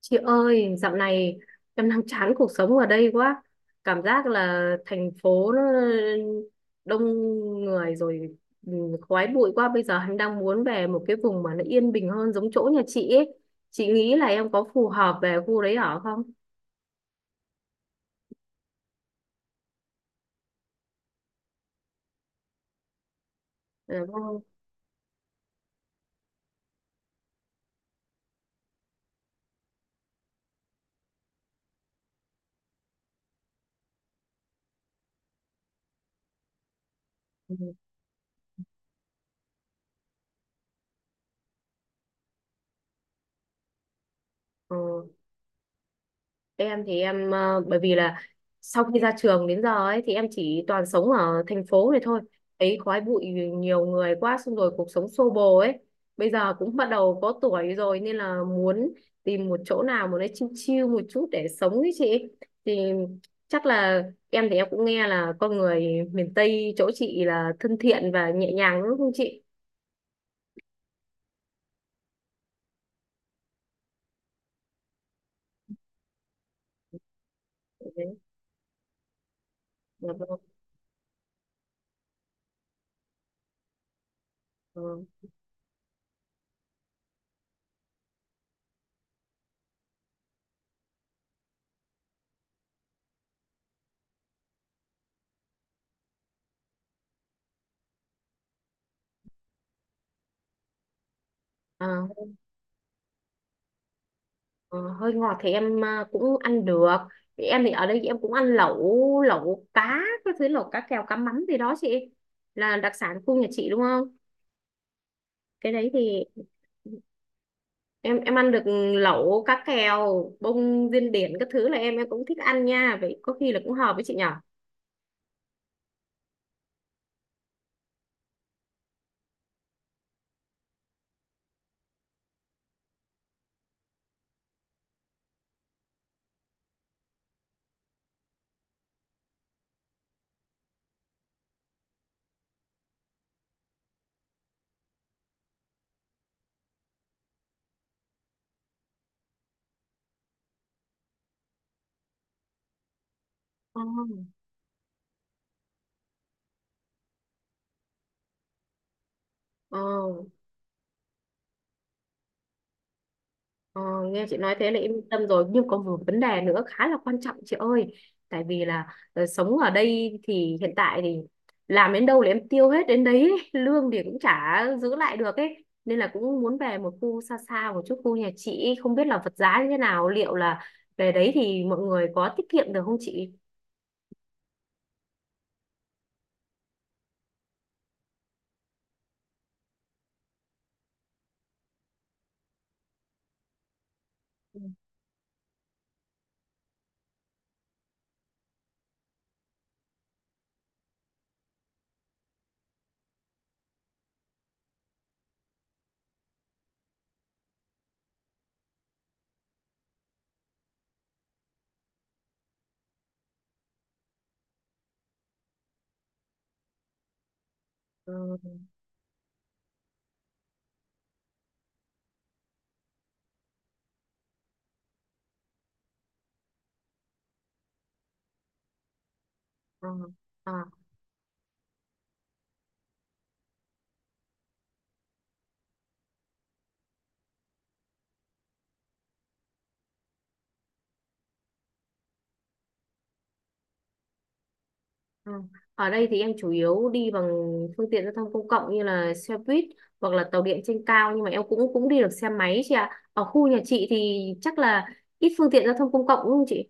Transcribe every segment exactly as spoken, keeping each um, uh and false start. Chị ơi, dạo này em đang chán cuộc sống ở đây quá. Cảm giác là thành phố nó đông người rồi, ừ, khói bụi quá. Bây giờ em đang muốn về một cái vùng mà nó yên bình hơn giống chỗ nhà chị ấy. Chị nghĩ là em có phù hợp về khu đấy ở không? Ừ, không. Ừ. Ừ. em thì em ờ, bởi vì là sau khi ra trường đến giờ ấy thì em chỉ toàn sống ở thành phố này thôi ấy, khói bụi nhiều người quá, xong rồi cuộc sống xô bồ ấy, bây giờ cũng bắt đầu có tuổi rồi nên là muốn tìm một chỗ nào mà nó chill chill một chút để sống ấy chị. Thì chắc là em thì em cũng nghe là con người miền Tây chỗ chị là thân thiện và nhẹ nhàng đúng không chị? Đấy, dạ vâng. Ờ. À. Ờ, hơi ngọt thì em à, cũng ăn được, thì em thì ở đây em cũng ăn lẩu lẩu cá, các thứ lẩu cá kèo cá mắm gì đó chị, là đặc sản khu nhà chị đúng không? Cái đấy thì em em ăn được, lẩu cá kèo bông điên điển các thứ là em em cũng thích ăn nha, vậy có khi là cũng hợp với chị nhở. Ừ. Ờ. Ờ, nghe chị nói thế là em yên tâm rồi, nhưng có một vấn đề nữa khá là quan trọng chị ơi. Tại vì là ờ, sống ở đây thì hiện tại thì làm đến đâu là em tiêu hết đến đấy ấy. Lương thì cũng chả giữ lại được ấy, nên là cũng muốn về một khu xa xa một chút khu nhà chị ấy. Không biết là vật giá như thế nào, liệu là về đấy thì mọi người có tiết kiệm được không chị? Ừ. Ừ, ờ, ờ. Ừ. Ở đây thì em chủ yếu đi bằng phương tiện giao thông công cộng như là xe buýt hoặc là tàu điện trên cao, nhưng mà em cũng cũng đi được xe máy chị ạ. Ở khu nhà chị thì chắc là ít phương tiện giao thông công cộng đúng không chị?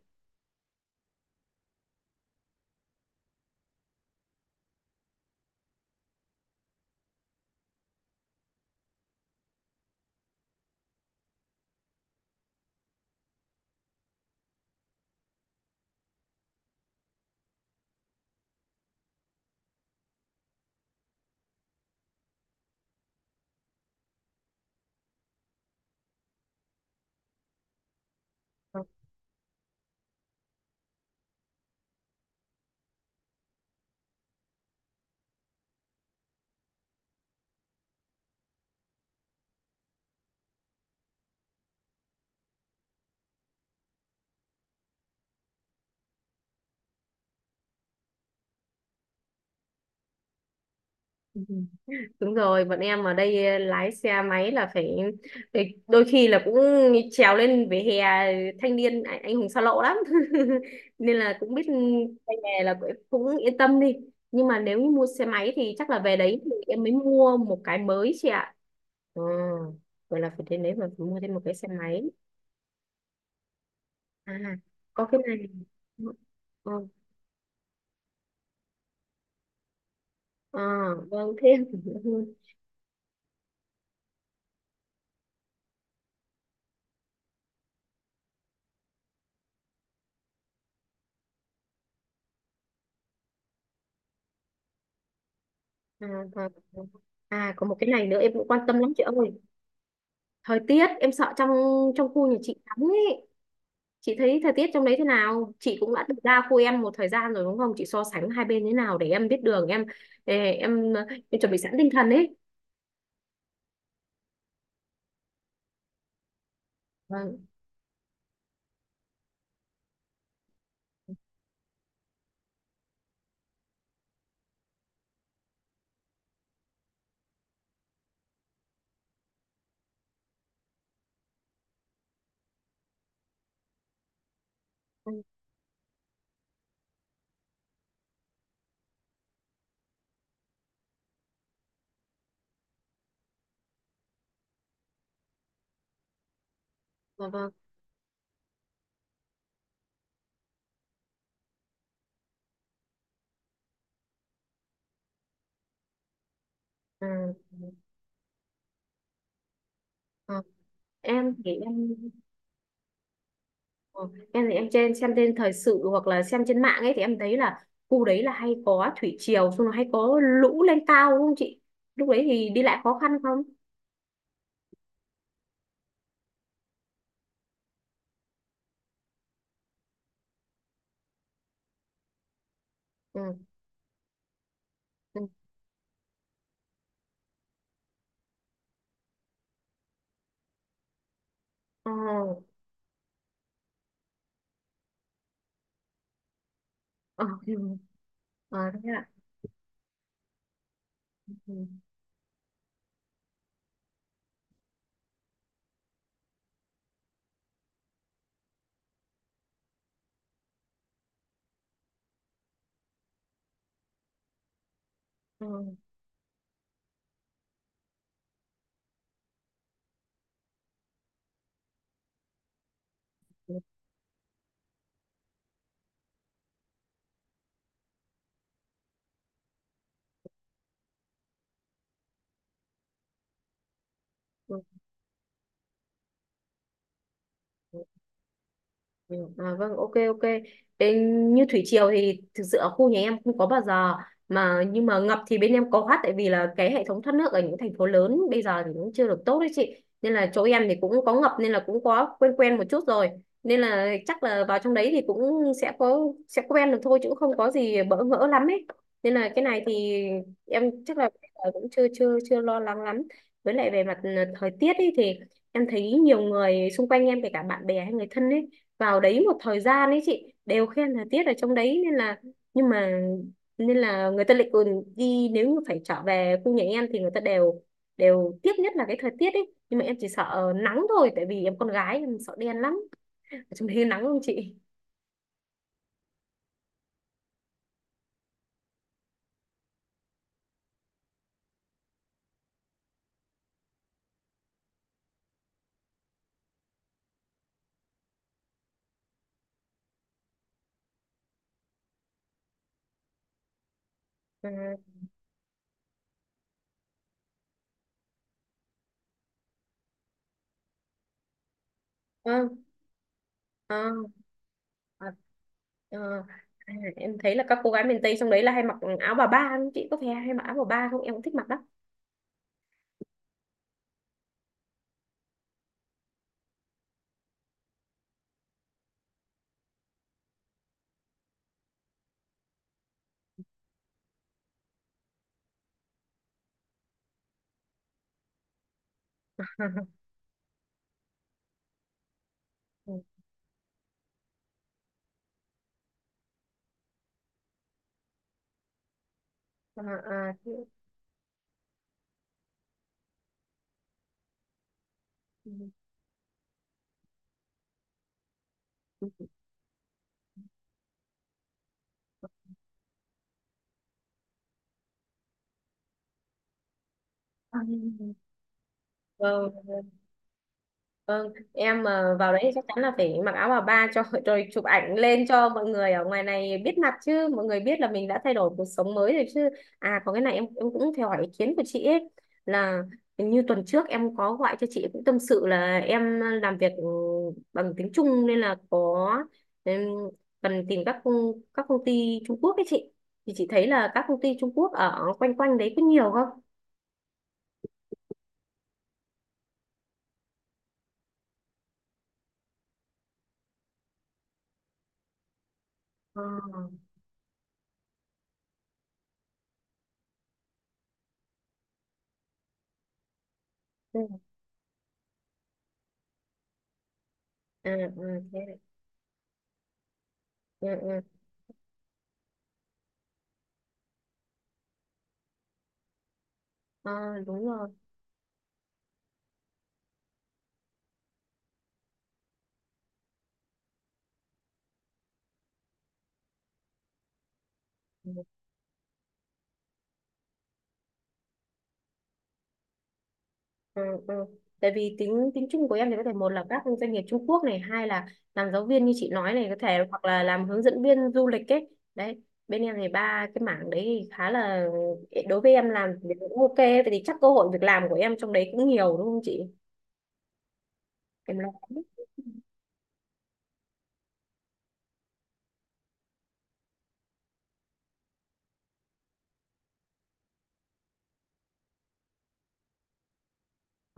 Đúng rồi, bọn em ở đây eh, lái xe máy là phải, phải đôi khi là cũng trèo lên vỉa hè, thanh niên anh, anh hùng xa lộ lắm. Nên là cũng biết tay nghề là cũng cũng yên tâm đi. Nhưng mà nếu như mua xe máy thì chắc là về đấy thì em mới mua một cái mới chị ạ. Ờ, vậy là phải đến đấy mà phải mua thêm một cái xe máy. À, có cái này. Ờ, ờ, vâng, thêm. À, và- à, có một cái này nữa em cũng quan tâm lắm chị ơi. Thời tiết, em sợ trong trong khu nhà chị lắm ấy. Chị thấy thời tiết trong đấy thế nào? Chị cũng đã được ra khu em một thời gian rồi đúng không? Chị so sánh hai bên thế nào để em biết đường em, ê, em em chuẩn bị sẵn tinh thần ấy. Vâng, vâng, vâng. Vâng. Ừ. Ờ, em thì em. Ờ, em thì em trên xem trên thời sự hoặc là xem trên mạng ấy thì em thấy là khu đấy là hay có thủy triều, xong rồi hay có lũ lên cao đúng không chị? Lúc đấy thì đi lại khó khăn không? Ừ. Ừ. Ờ. Ờ. Ừ. Ờ, thế ạ. Ừ. Ừ. Ừ. Ừ. Ừ, à, vâng, ok, ok. Bên như thủy triều thì thực sự ở khu nhà em không có bao giờ, mà nhưng mà ngập thì bên em có hát, tại vì là cái hệ thống thoát nước ở những thành phố lớn bây giờ thì cũng chưa được tốt đấy chị. Nên là chỗ em thì cũng có ngập nên là cũng có quen quen một chút rồi. Nên là chắc là vào trong đấy thì cũng sẽ có, sẽ quen được thôi chứ cũng không có gì bỡ ngỡ lắm ấy. Nên là cái này thì em chắc là cũng chưa chưa chưa lo lắng lắm. Với lại về mặt ờ, thời tiết ấy thì em thấy nhiều người xung quanh em kể cả bạn bè hay người thân ấy vào đấy một thời gian ấy chị đều khen thời tiết ở trong đấy, nên là, nhưng mà, nên là người ta lại còn đi, nếu như phải trở về khu nhà em thì người ta đều đều tiếc nhất là cái thời tiết ấy, nhưng mà em chỉ sợ nắng thôi, tại vì em con gái em sợ đen lắm. Ở trong đấy nắng không chị? Ờ, ờ, ờ, ờ, ờ. À, em thấy là các cô gái miền Tây trong đấy là hay mặc áo bà ba không chị, có phải hay mặc áo bà ba không, em cũng thích mặc đó. Ờ, ờ, ờ. Ừ. Ừ. Ừ. Ừ. Vâng. Vâng, em mà vào đấy thì chắc chắn là phải mặc áo bà ba cho rồi chụp ảnh lên cho mọi người ở ngoài này biết mặt chứ, mọi người biết là mình đã thay đổi cuộc sống mới rồi chứ. À, có cái này em em cũng theo hỏi ý kiến của chị ấy, là hình như tuần trước em có gọi cho chị cũng tâm sự là em làm việc ừ, bằng tiếng Trung, nên là có, em cần tìm các công, các công ty Trung Quốc ấy chị, thì chị thấy là các công ty Trung Quốc ở quanh quanh đấy có nhiều không? Ờ, ừ, à, ừ, thế này. Ừ, ừ. Ờ, đúng rồi. Ừ. Ừ, ừ. Tại vì tính tính chung của em thì có thể, một là các doanh nghiệp Trung Quốc này, hai là làm giáo viên như chị nói này, có thể hoặc là làm hướng dẫn viên du lịch ấy. Đấy, bên em thì ba cái mảng đấy thì khá là, đối với em làm thì cũng ok. Vậy thì chắc cơ hội việc làm của em trong đấy cũng nhiều đúng không chị? Em lo lắm.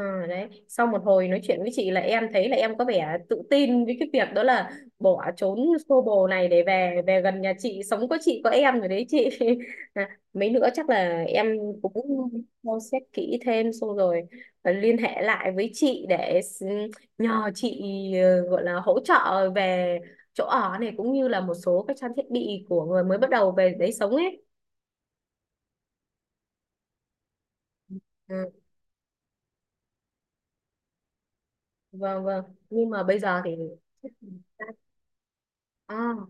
Ừ, đấy, sau một hồi nói chuyện với chị là em thấy là em có vẻ tự tin với cái việc đó, là bỏ trốn xô bồ này để về về gần nhà chị sống, có chị có em rồi đấy chị. À, mấy nữa chắc là em cũng xem xét kỹ thêm, xong rồi ờ, liên hệ lại với chị để s- nhờ chị ờ, gọi là hỗ trợ về chỗ ở này, cũng như là một số các trang thiết bị của người mới bắt đầu về đấy sống ấy. Ừ, vâng vâng, nhưng mà bây giờ thì à,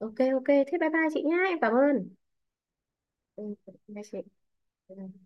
ok ok, thế bye bye chị nhá, em cảm ơn. Ừ, bye chị. Ừ.